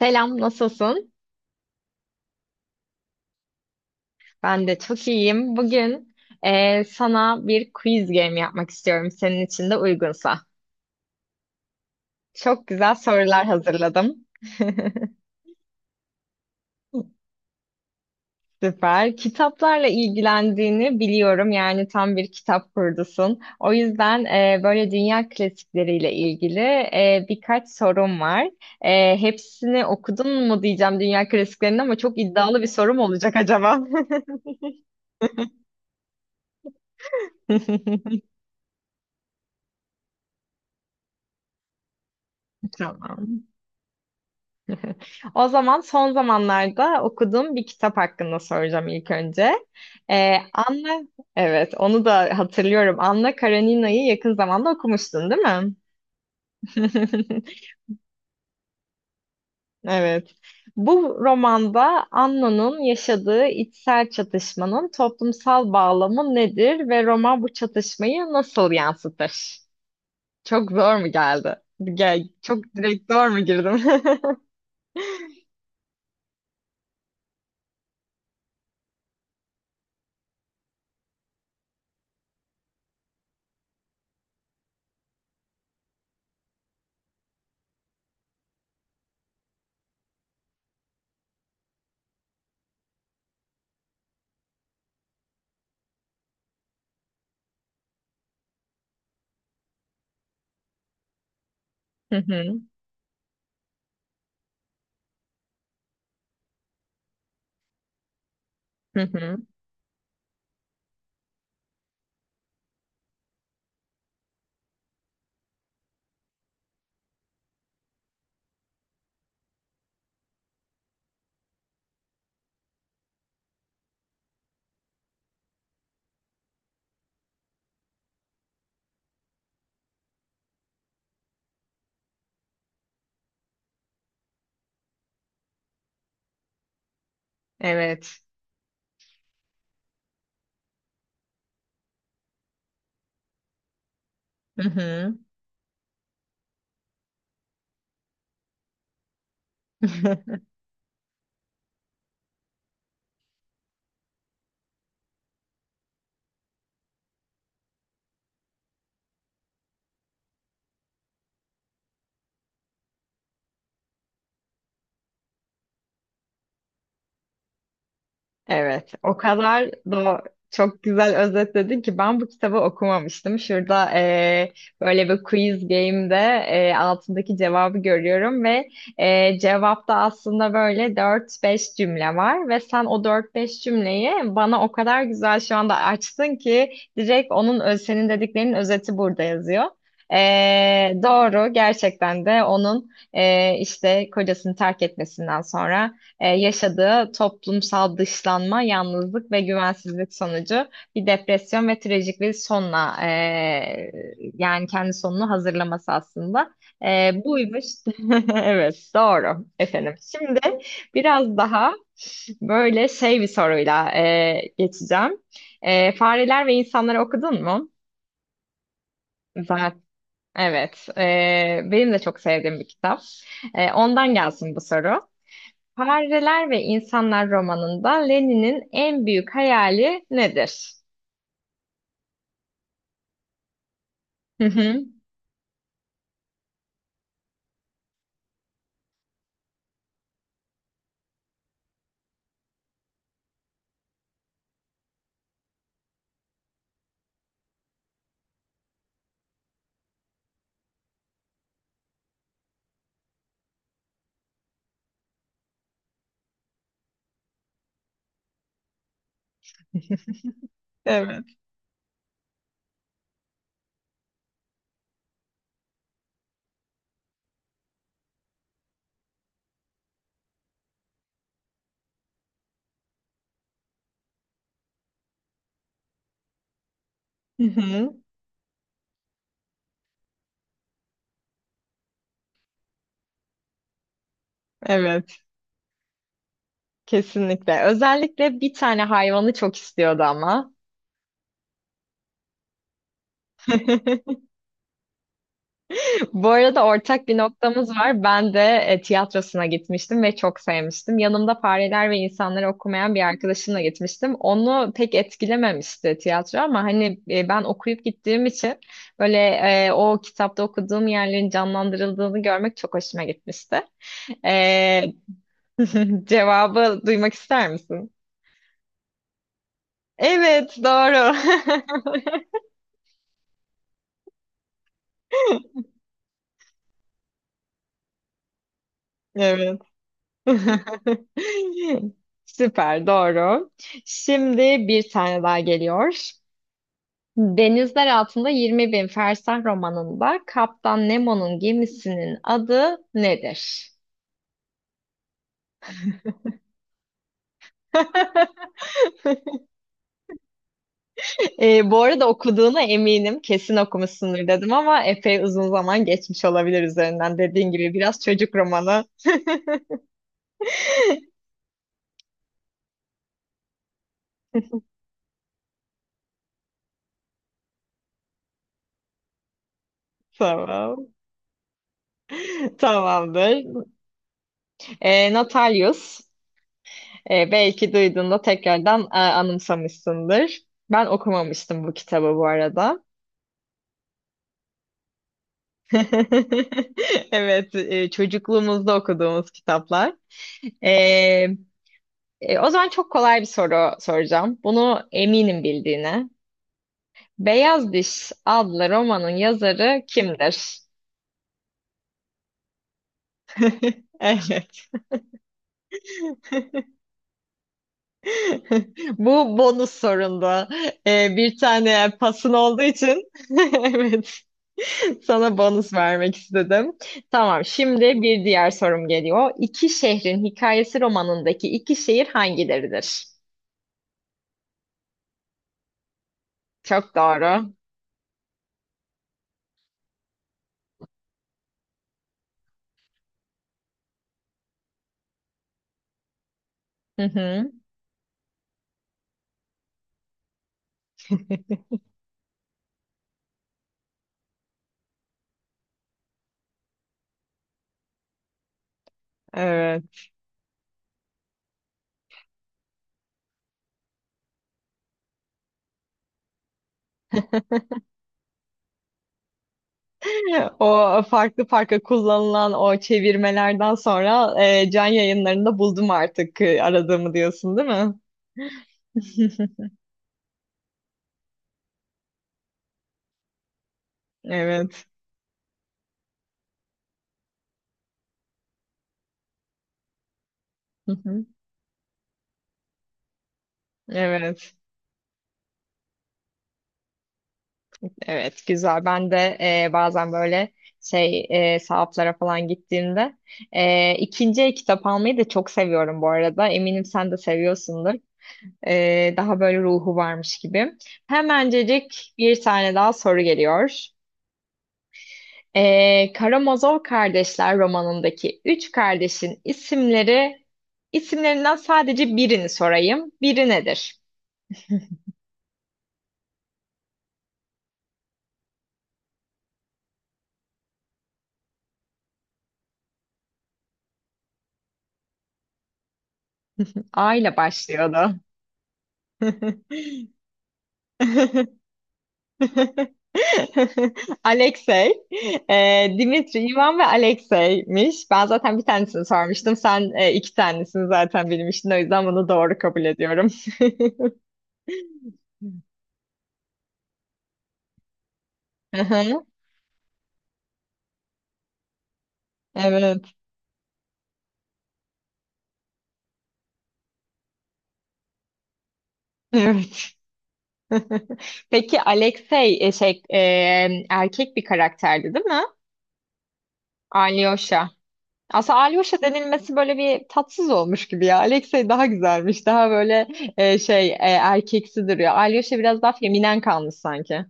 Selam, nasılsın? Ben de çok iyiyim. Bugün sana bir quiz game yapmak istiyorum senin için de uygunsa. Çok güzel sorular hazırladım. Süper. Kitaplarla ilgilendiğini biliyorum. Yani tam bir kitap kurdusun. O yüzden böyle dünya klasikleriyle ilgili birkaç sorum var. Hepsini okudun mu diyeceğim dünya klasiklerinin ama çok iddialı bir sorum olacak acaba? Tamam. O zaman son zamanlarda okuduğum bir kitap hakkında soracağım ilk önce. Anna, evet onu da hatırlıyorum. Anna Karenina'yı yakın zamanda okumuştun, değil mi? Evet. Bu romanda Anna'nın yaşadığı içsel çatışmanın toplumsal bağlamı nedir ve roman bu çatışmayı nasıl yansıtır? Çok zor mu geldi? Gel, çok direkt zor mu girdim? Hı hı, hı hı. Evet. Hı hı. Evet, o kadar da çok güzel özetledin ki ben bu kitabı okumamıştım. Şurada böyle bir quiz game'de altındaki cevabı görüyorum ve cevapta aslında böyle dört beş cümle var ve sen o dört beş cümleyi bana o kadar güzel şu anda açtın ki direkt senin dediklerinin özeti burada yazıyor. Doğru gerçekten de onun işte kocasını terk etmesinden sonra yaşadığı toplumsal dışlanma, yalnızlık ve güvensizlik sonucu bir depresyon ve trajik bir sonla yani kendi sonunu hazırlaması aslında. Buymuş. Evet, doğru efendim. Şimdi biraz daha böyle şey bir soruyla geçeceğim. Fareler ve İnsanları okudun mu? Zaten evet. Benim de çok sevdiğim bir kitap. Ondan gelsin bu soru. Fareler ve İnsanlar romanında Lenin'in en büyük hayali nedir? Hı hı. Evet. Hı hı. Evet. Kesinlikle. Özellikle bir tane hayvanı çok istiyordu ama. Bu arada ortak bir noktamız var. Ben de tiyatrosuna gitmiştim ve çok sevmiştim. Yanımda Fareler ve İnsanları okumayan bir arkadaşımla gitmiştim. Onu pek etkilememişti tiyatro ama hani ben okuyup gittiğim için böyle o kitapta okuduğum yerlerin canlandırıldığını görmek çok hoşuma gitmişti. E, Cevabı duymak ister misin? Evet, doğru. Evet. Süper, doğru. Şimdi bir tane daha geliyor. Denizler Altında 20 Bin Fersah romanında Kaptan Nemo'nun gemisinin adı nedir? Bu arada okuduğuna eminim. Kesin okumuşsundur dedim ama epey uzun zaman geçmiş olabilir üzerinden. Dediğin gibi biraz çocuk romanı. Tamam. Tamamdır. Natalius. Belki duyduğunda tekrardan anımsamışsındır. Ben okumamıştım bu kitabı bu arada. Evet, çocukluğumuzda okuduğumuz kitaplar. E, O zaman çok kolay bir soru soracağım. Bunu eminim bildiğine. Beyaz Diş adlı romanın yazarı kimdir? Evet. Bu bonus sorunda. Bir tane pasın olduğu için. Evet. Sana bonus vermek istedim. Tamam, şimdi bir diğer sorum geliyor. İki şehrin hikayesi romanındaki iki şehir hangileridir? Çok doğru. Hı hı. Evet. O farklı farklı kullanılan o çevirmelerden sonra can yayınlarında buldum artık aradığımı diyorsun, değil mi? Evet. Hı hı. Evet. Evet, güzel. Ben de bazen böyle sahaflara falan gittiğimde ikinci el kitap almayı da çok seviyorum bu arada. Eminim sen de seviyorsundur. Daha böyle ruhu varmış gibi. Hemencecik bir tane daha soru geliyor. Karamazov Kardeşler romanındaki üç kardeşin isimlerinden sadece birini sorayım. Biri nedir? A ile başlıyordu. Alexey. Dimitri, Ivan ve Alexey'miş. Ben zaten bir tanesini sormuştum. Sen iki tanesini zaten bilmiştin. O yüzden bunu doğru kabul ediyorum. Hı hı. Evet, evet. Peki Alexey erkek bir karakterdi, değil mi? Alyosha. Aslında Alyosha denilmesi böyle bir tatsız olmuş gibi ya. Alexey daha güzelmiş. Daha böyle erkeksi duruyor. Alyosha biraz daha feminen kalmış sanki.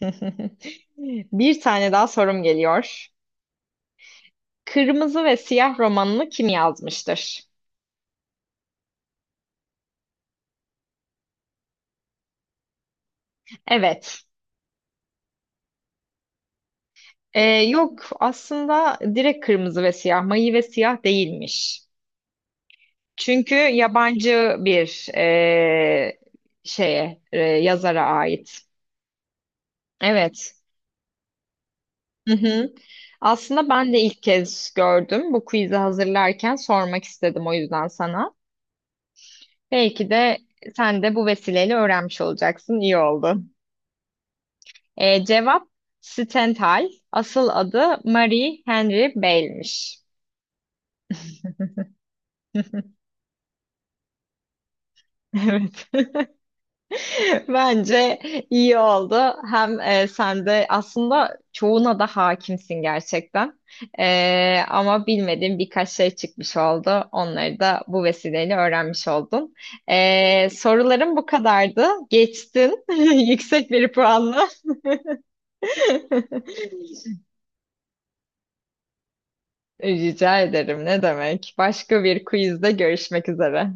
Bir tane daha sorum geliyor. Kırmızı ve Siyah romanını kim yazmıştır? Evet. Yok aslında direkt Kırmızı ve Siyah, Mayı ve Siyah değilmiş. Çünkü yabancı bir yazara ait. Evet. Hı hı. Aslında ben de ilk kez gördüm. Bu quiz'i hazırlarken sormak istedim o yüzden sana. Belki de sen de bu vesileyle öğrenmiş olacaksın. İyi oldu. Cevap Stenthal. Asıl adı Marie Henry Bale'miş. Evet. Bence iyi oldu. Hem sen de aslında çoğuna da hakimsin gerçekten. Ama bilmediğin birkaç şey çıkmış oldu. Onları da bu vesileyle öğrenmiş oldun. Sorularım bu kadardı. Geçtin. Yüksek bir puanla. Rica ederim. Ne demek? Başka bir quizde görüşmek üzere.